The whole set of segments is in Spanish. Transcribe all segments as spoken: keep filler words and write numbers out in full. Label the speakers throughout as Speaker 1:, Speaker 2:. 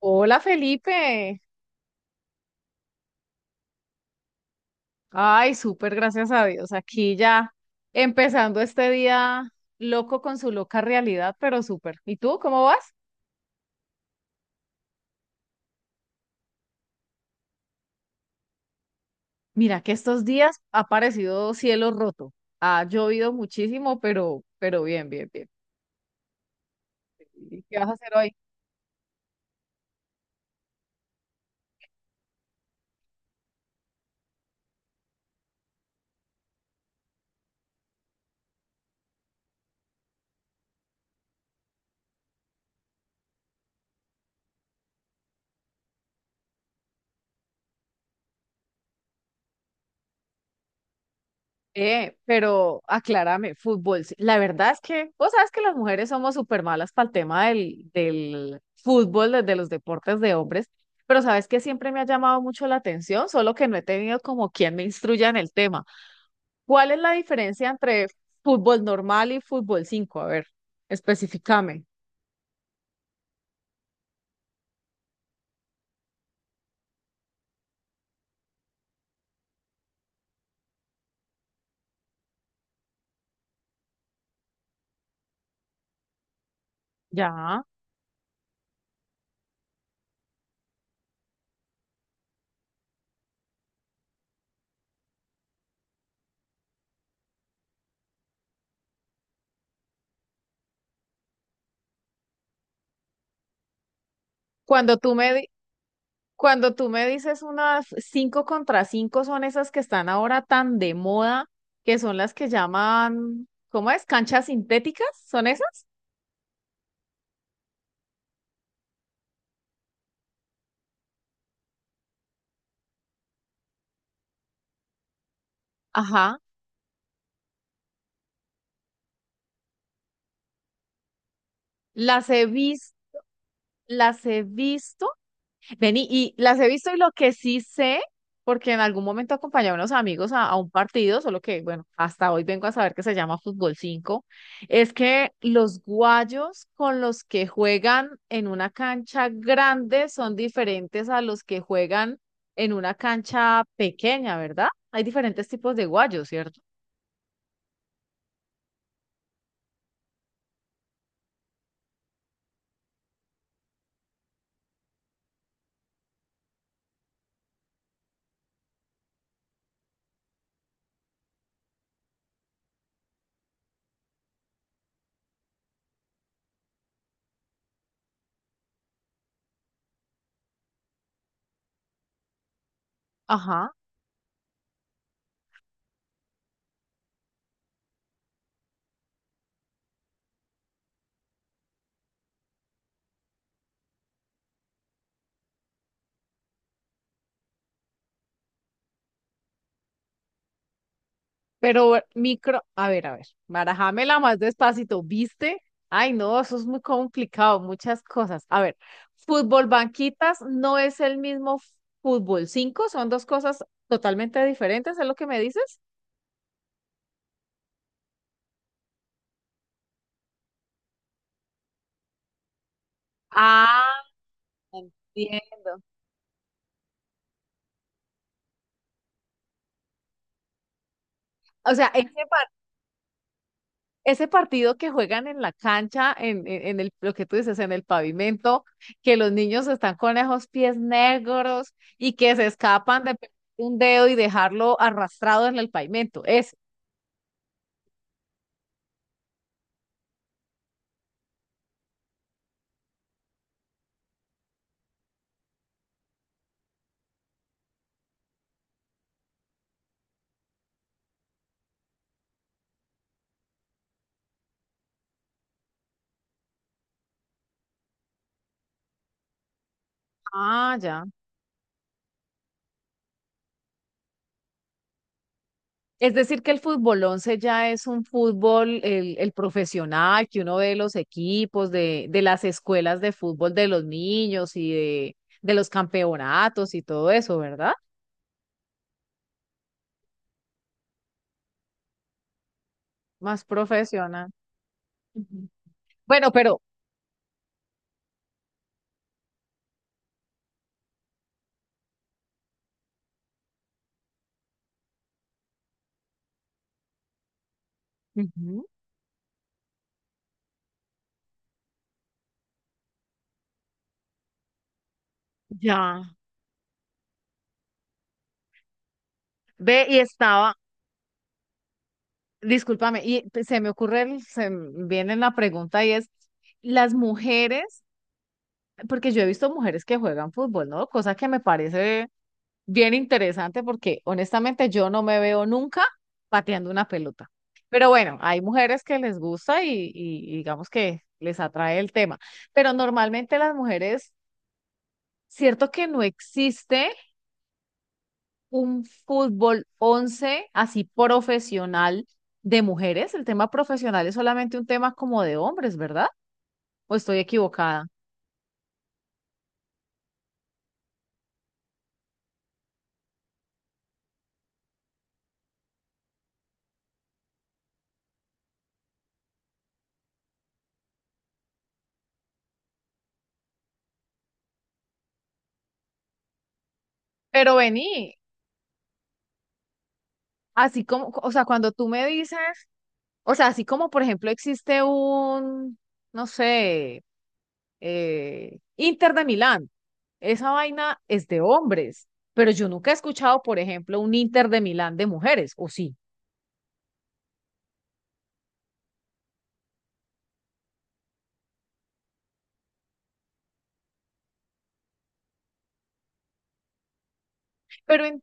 Speaker 1: Hola Felipe. Ay, súper, gracias a Dios. Aquí ya empezando este día loco con su loca realidad, pero súper. ¿Y tú cómo vas? Mira que estos días ha aparecido cielo roto. Ha llovido muchísimo, pero, pero bien, bien, bien. ¿Y qué vas a hacer hoy? Eh, pero aclárame, fútbol. Sí. La verdad es que vos sabes que las mujeres somos súper malas para el tema del, del fútbol, de, de los deportes de hombres, pero sabes que siempre me ha llamado mucho la atención, solo que no he tenido como quien me instruya en el tema. ¿Cuál es la diferencia entre fútbol normal y fútbol cinco? A ver, especificame. Ya. Cuando tú me, di- Cuando tú me dices unas cinco contra cinco son esas que están ahora tan de moda, que son las que llaman, ¿cómo es? ¿Canchas sintéticas? ¿Son esas? Ajá. Las he visto, las he visto. Vení, y las he visto y lo que sí sé, porque en algún momento acompañé a unos amigos a, a un partido, solo que, bueno, hasta hoy vengo a saber que se llama fútbol cinco. Es que los guayos con los que juegan en una cancha grande son diferentes a los que juegan en una cancha pequeña, ¿verdad? Hay diferentes tipos de guayos, ¿cierto? Ajá. Pero eh, micro, a ver, a ver, barajámela más despacito, ¿viste? Ay, no, eso es muy complicado, muchas cosas. A ver, fútbol banquitas no es el mismo f- fútbol cinco son dos cosas totalmente diferentes, ¿es lo que me dices? Ah, viendo. O sea, ese, par- Ese partido que juegan en la cancha, en, en, en el, lo que tú dices, en el pavimento, que los niños están con esos pies negros y que se escapan de un dedo y dejarlo arrastrado en el pavimento. Ah, ya. Es decir, que el fútbol once ya es un fútbol, el, el profesional, que uno ve los equipos de, de las escuelas de fútbol de los niños y de, de los campeonatos y todo eso, ¿verdad? Más profesional. Ujú. Bueno, pero ujú, ya. Ve y estaba, discúlpame, y se me ocurre, el- se me viene la pregunta y es, las mujeres, porque yo he visto mujeres que juegan fútbol, ¿no? Cosa que me parece bien interesante porque honestamente yo no me veo nunca pateando una pelota. Pero bueno, hay mujeres que les gusta y, y digamos que les atrae el tema. Pero normalmente las mujeres, cierto que no existe un fútbol once así profesional de mujeres. El tema profesional es solamente un tema como de hombres, ¿verdad? ¿O estoy equivocada? Pero vení, así como, o sea, cuando tú me dices, o sea, así como por ejemplo existe un no sé, eh, Inter de Milán. Esa vaina es de hombres, pero yo nunca he escuchado, por ejemplo, un Inter de Milán de mujeres, o sí. Pero en-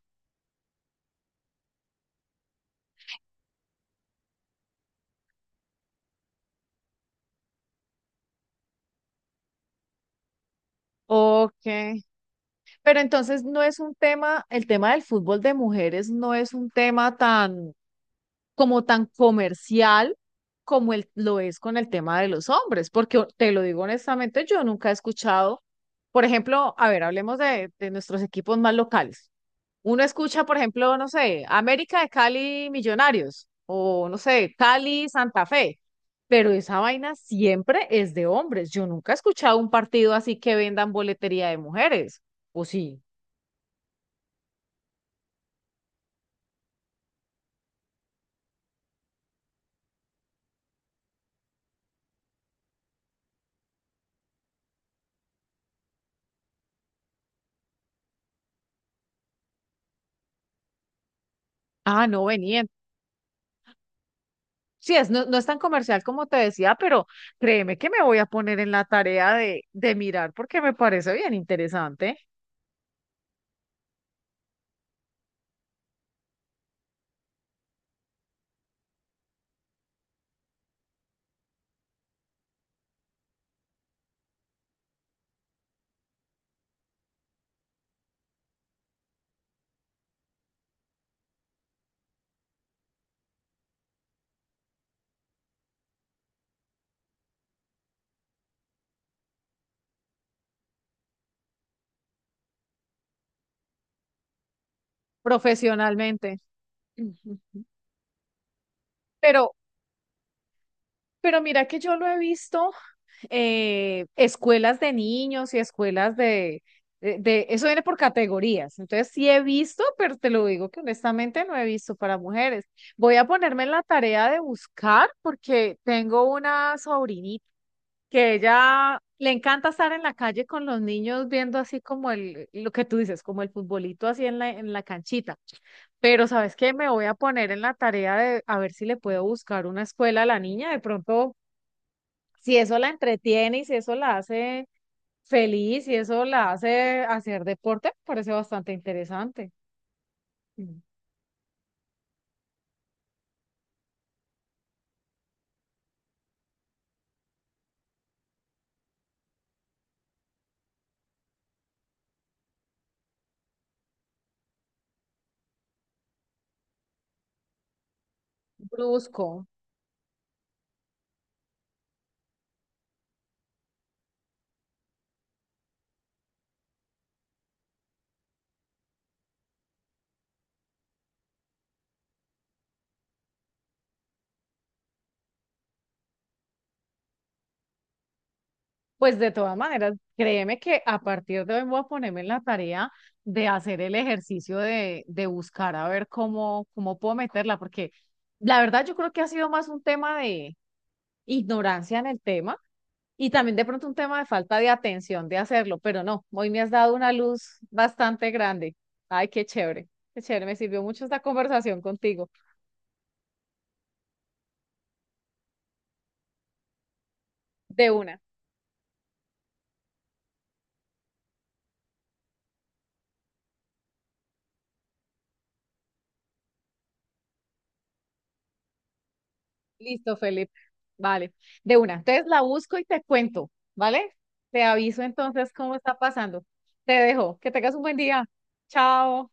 Speaker 1: ok, pero entonces no es un tema, el tema del fútbol de mujeres no es un tema tan como tan comercial como el, lo es con el tema de los hombres, porque o- te lo digo honestamente, yo nunca he escuchado, por ejemplo, a ver, hablemos de, de nuestros equipos más locales. Uno escucha, por ejemplo, no sé, América de Cali Millonarios o no sé, Cali Santa Fe, pero esa vaina siempre es de hombres. Yo nunca he escuchado un partido así que vendan boletería de mujeres. ¿O sí? Ah, no venían. Sí, es, no, no es tan comercial como te decía, pero créeme que me voy a poner en la tarea de, de mirar porque me parece bien interesante profesionalmente. Ujú. Pero, pero mira que yo lo he visto eh, escuelas de niños y escuelas de, de, de- eso viene por categorías. Entonces sí he visto, pero te lo digo que honestamente no he visto para mujeres. Voy a ponerme en la tarea de buscar porque tengo una sobrinita que ella le encanta estar en la calle con los niños viendo así como el, lo que tú dices, como el futbolito así en la, en la canchita. Pero ¿sabes qué? Me voy a poner en la tarea de a ver si le puedo buscar una escuela a la niña. De pronto si eso la entretiene y si eso la hace feliz, si eso la hace hacer deporte, me parece bastante interesante. Mm. Brusco. Pues de todas maneras, créeme que a partir de hoy voy a ponerme en la tarea de hacer el ejercicio de, de buscar a ver cómo, cómo puedo meterla, porque la verdad yo creo que ha sido más un tema de ignorancia en el tema. Y también de pronto un tema de falta de atención de hacerlo, pero no, hoy me has dado una luz bastante grande. Ay, qué chévere, qué chévere, me sirvió mucho esta conversación contigo. De una. Listo, Felipe. Vale, de una. Entonces la busco y te cuento, ¿vale? Te aviso entonces cómo está pasando. Te dejo, que tengas un buen día. Chao.